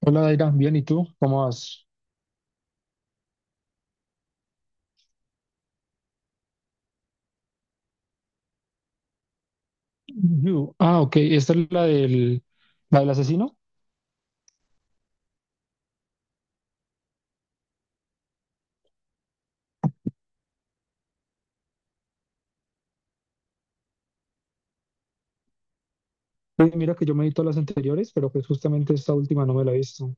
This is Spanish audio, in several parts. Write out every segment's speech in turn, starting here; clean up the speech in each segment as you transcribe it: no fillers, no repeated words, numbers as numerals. Hola, Daira, bien, ¿y tú? ¿Cómo vas? You. Ah, ok, esta es la del asesino. Pues mira que yo me vi todas las anteriores, pero pues justamente esta última no me la he visto,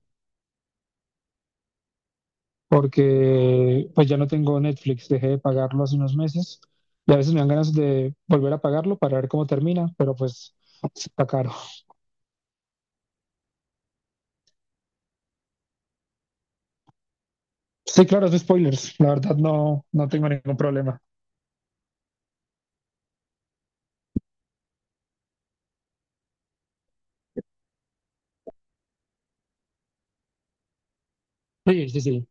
porque pues ya no tengo Netflix, dejé de pagarlo hace unos meses y a veces me dan ganas de volver a pagarlo para ver cómo termina, pero pues está caro. Sí, claro, es de spoilers, la verdad no tengo ningún problema. Sí, sí, sí,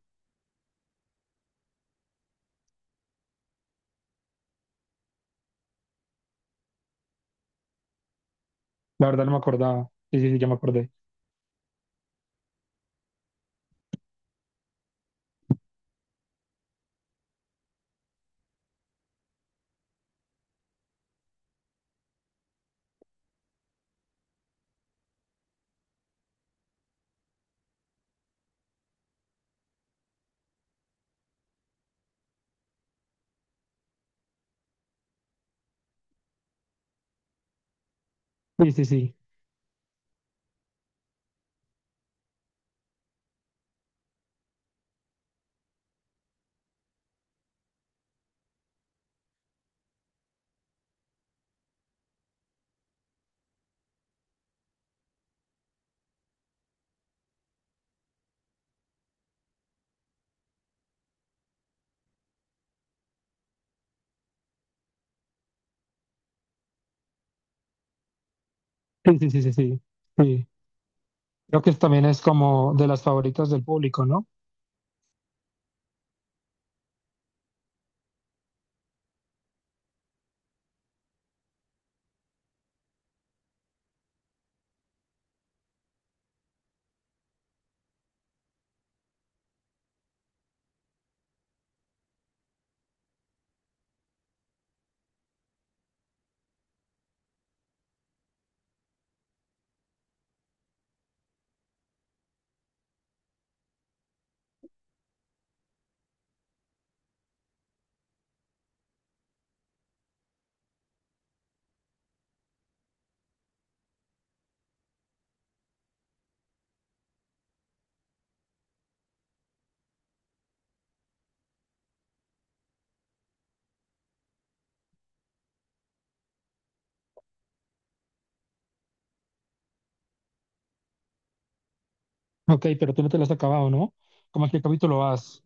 la verdad no me acordaba. Sí, sí, sí, ya me acordé. Sí, sí, sí, sí, sí, sí, sí, sí. Sí. Creo que también es como de las favoritas del público, ¿no? Ok, pero tú no te las has acabado, ¿no? ¿Cómo qué capítulo vas?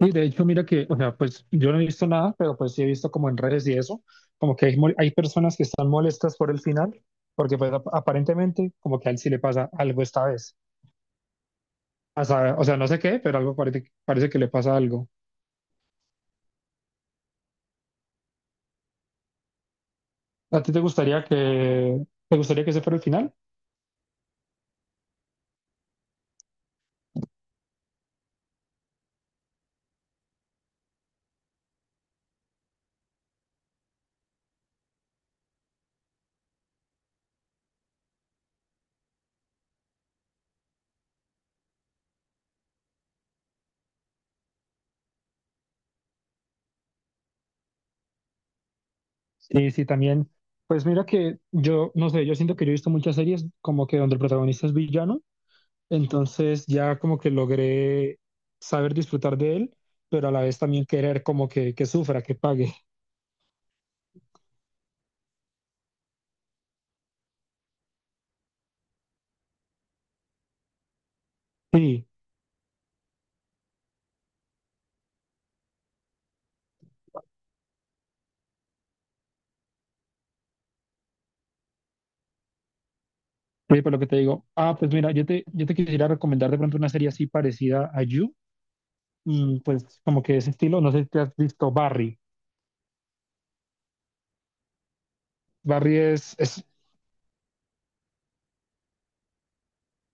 Y de hecho, mira que, o sea, pues yo no he visto nada, pero pues sí he visto como en redes y eso, como que hay, hay personas que están molestas por el final, porque pues aparentemente como que a él sí le pasa algo esta vez. O sea, no sé qué, pero algo parece, parece que le pasa algo. ¿A ti te gustaría que ese fuera el final? Sí, sí, también. Pues mira que yo, no sé, yo siento que yo he visto muchas series como que donde el protagonista es villano. Entonces ya como que logré saber disfrutar de él, pero a la vez también querer como que sufra, que pague. Sí, oye, por lo que te digo, ah, pues mira, yo te quisiera recomendar de pronto una serie así parecida a You, mm, pues como que ese estilo, no sé si te has visto Barry. Barry es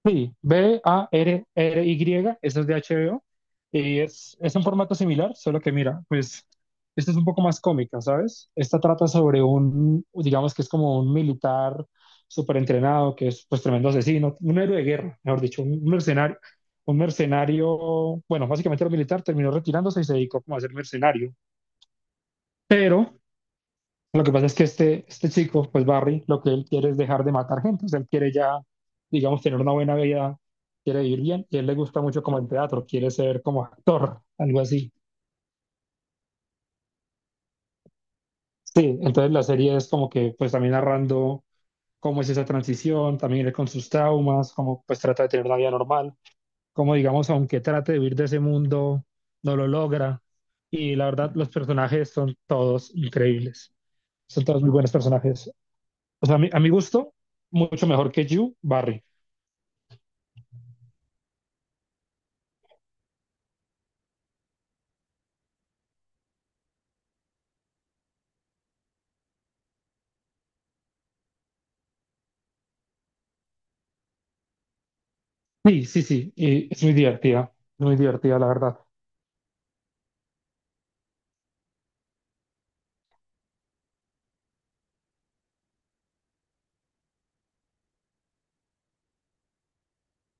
Sí, Barry, esa es de HBO, y es un formato similar, solo que mira, pues esta es un poco más cómica, ¿sabes? Esta trata sobre un, digamos que es como un militar súper entrenado, que es pues tremendo asesino, un héroe de guerra, mejor dicho, un mercenario, bueno, básicamente era militar, terminó retirándose y se dedicó como a ser mercenario, pero lo que pasa es que este chico, pues Barry, lo que él quiere es dejar de matar gente, o sea, él quiere ya, digamos, tener una buena vida, quiere vivir bien, y a él le gusta mucho como el teatro, quiere ser como actor, algo así. Sí, entonces la serie es como que, pues también narrando cómo es esa transición, también él con sus traumas, cómo pues trata de tener una vida normal, cómo digamos, aunque trate de vivir de ese mundo, no lo logra, y la verdad los personajes son todos increíbles, son todos muy buenos personajes. O sea, a mi gusto, mucho mejor que You, Barry. Sí, sí, sí, y es muy divertida, la verdad.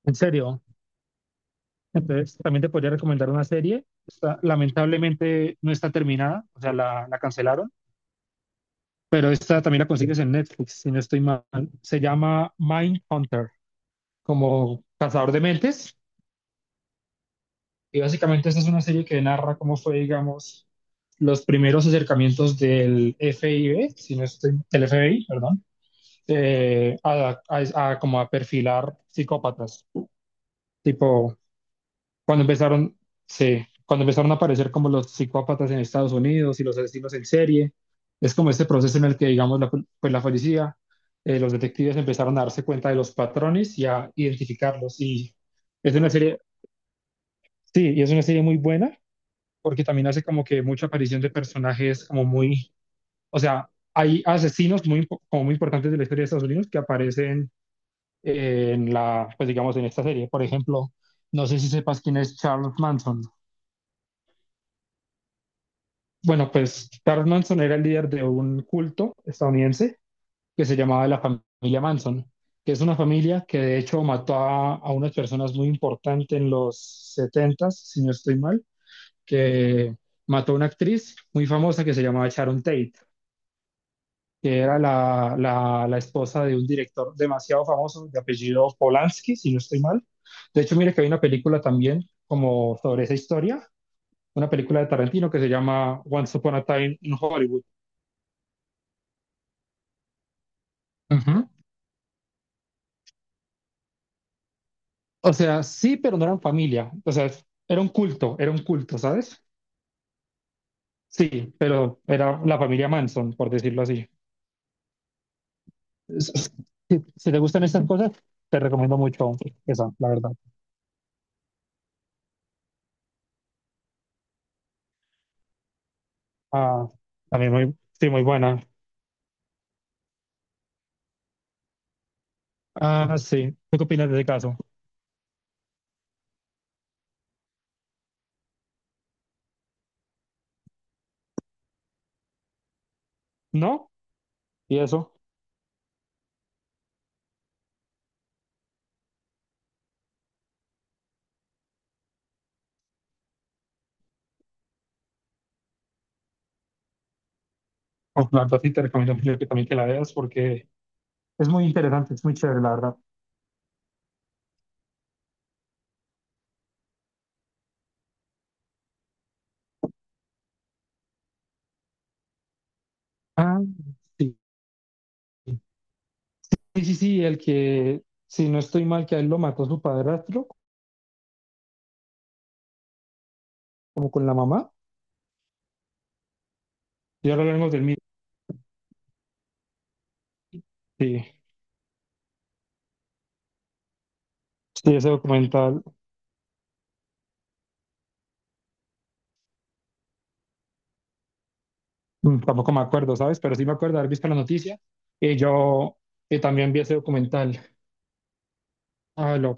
En serio. Entonces, también te podría recomendar una serie. Lamentablemente no está terminada, o sea, la cancelaron, pero esta también la consigues en Netflix, si no estoy mal. Se llama Mindhunter, como cazador de mentes. Y básicamente esta es una serie que narra cómo fue, digamos, los primeros acercamientos del FBI, si no estoy, del FBI, perdón, a, a como a perfilar psicópatas. Tipo, cuando empezaron, sí, cuando empezaron a aparecer como los psicópatas en Estados Unidos y los asesinos en serie, es como este proceso en el que, digamos, pues la policía, los detectives empezaron a darse cuenta de los patrones y a identificarlos. Y es una serie, sí, y es una serie muy buena porque también hace como que mucha aparición de personajes como muy, o sea, hay asesinos muy, como muy importantes de la historia de Estados Unidos que aparecen en la, pues digamos, en esta serie. Por ejemplo, no sé si sepas quién es Charles Manson. Bueno, pues Charles Manson era el líder de un culto estadounidense que se llamaba la familia Manson, que es una familia que de hecho mató a unas personas muy importantes en los setentas si no estoy mal, que mató a una actriz muy famosa que se llamaba Sharon Tate, que era la esposa de un director demasiado famoso, de apellido Polanski, si no estoy mal. De hecho, mire que hay una película también como sobre esa historia, una película de Tarantino que se llama Once Upon a Time in Hollywood. Ujú. O sea, sí, pero no eran familia. O sea, era un culto, ¿sabes? Sí, pero era la familia Manson, por decirlo así. Es- es- Si, si te gustan estas cosas, te recomiendo mucho esa, la verdad. Ah, también muy, sí, muy buena. Ah, sí. ¿Tú qué opinas de ese caso? ¿No? ¿Y eso? Oh, la verdad sí te recomiendo mucho que también que la veas porque es muy interesante, es muy chévere, la verdad. Ah, sí. Sí, sí, sí, el que, si no estoy mal, que a él lo mató su padrastro, como con la mamá. Y ahora hablamos del mismo. Sí, sí, ese documental, mm, tampoco me acuerdo, ¿sabes? Pero sí me acuerdo de haber visto la noticia. Y yo también vi ese documental. Ah, lo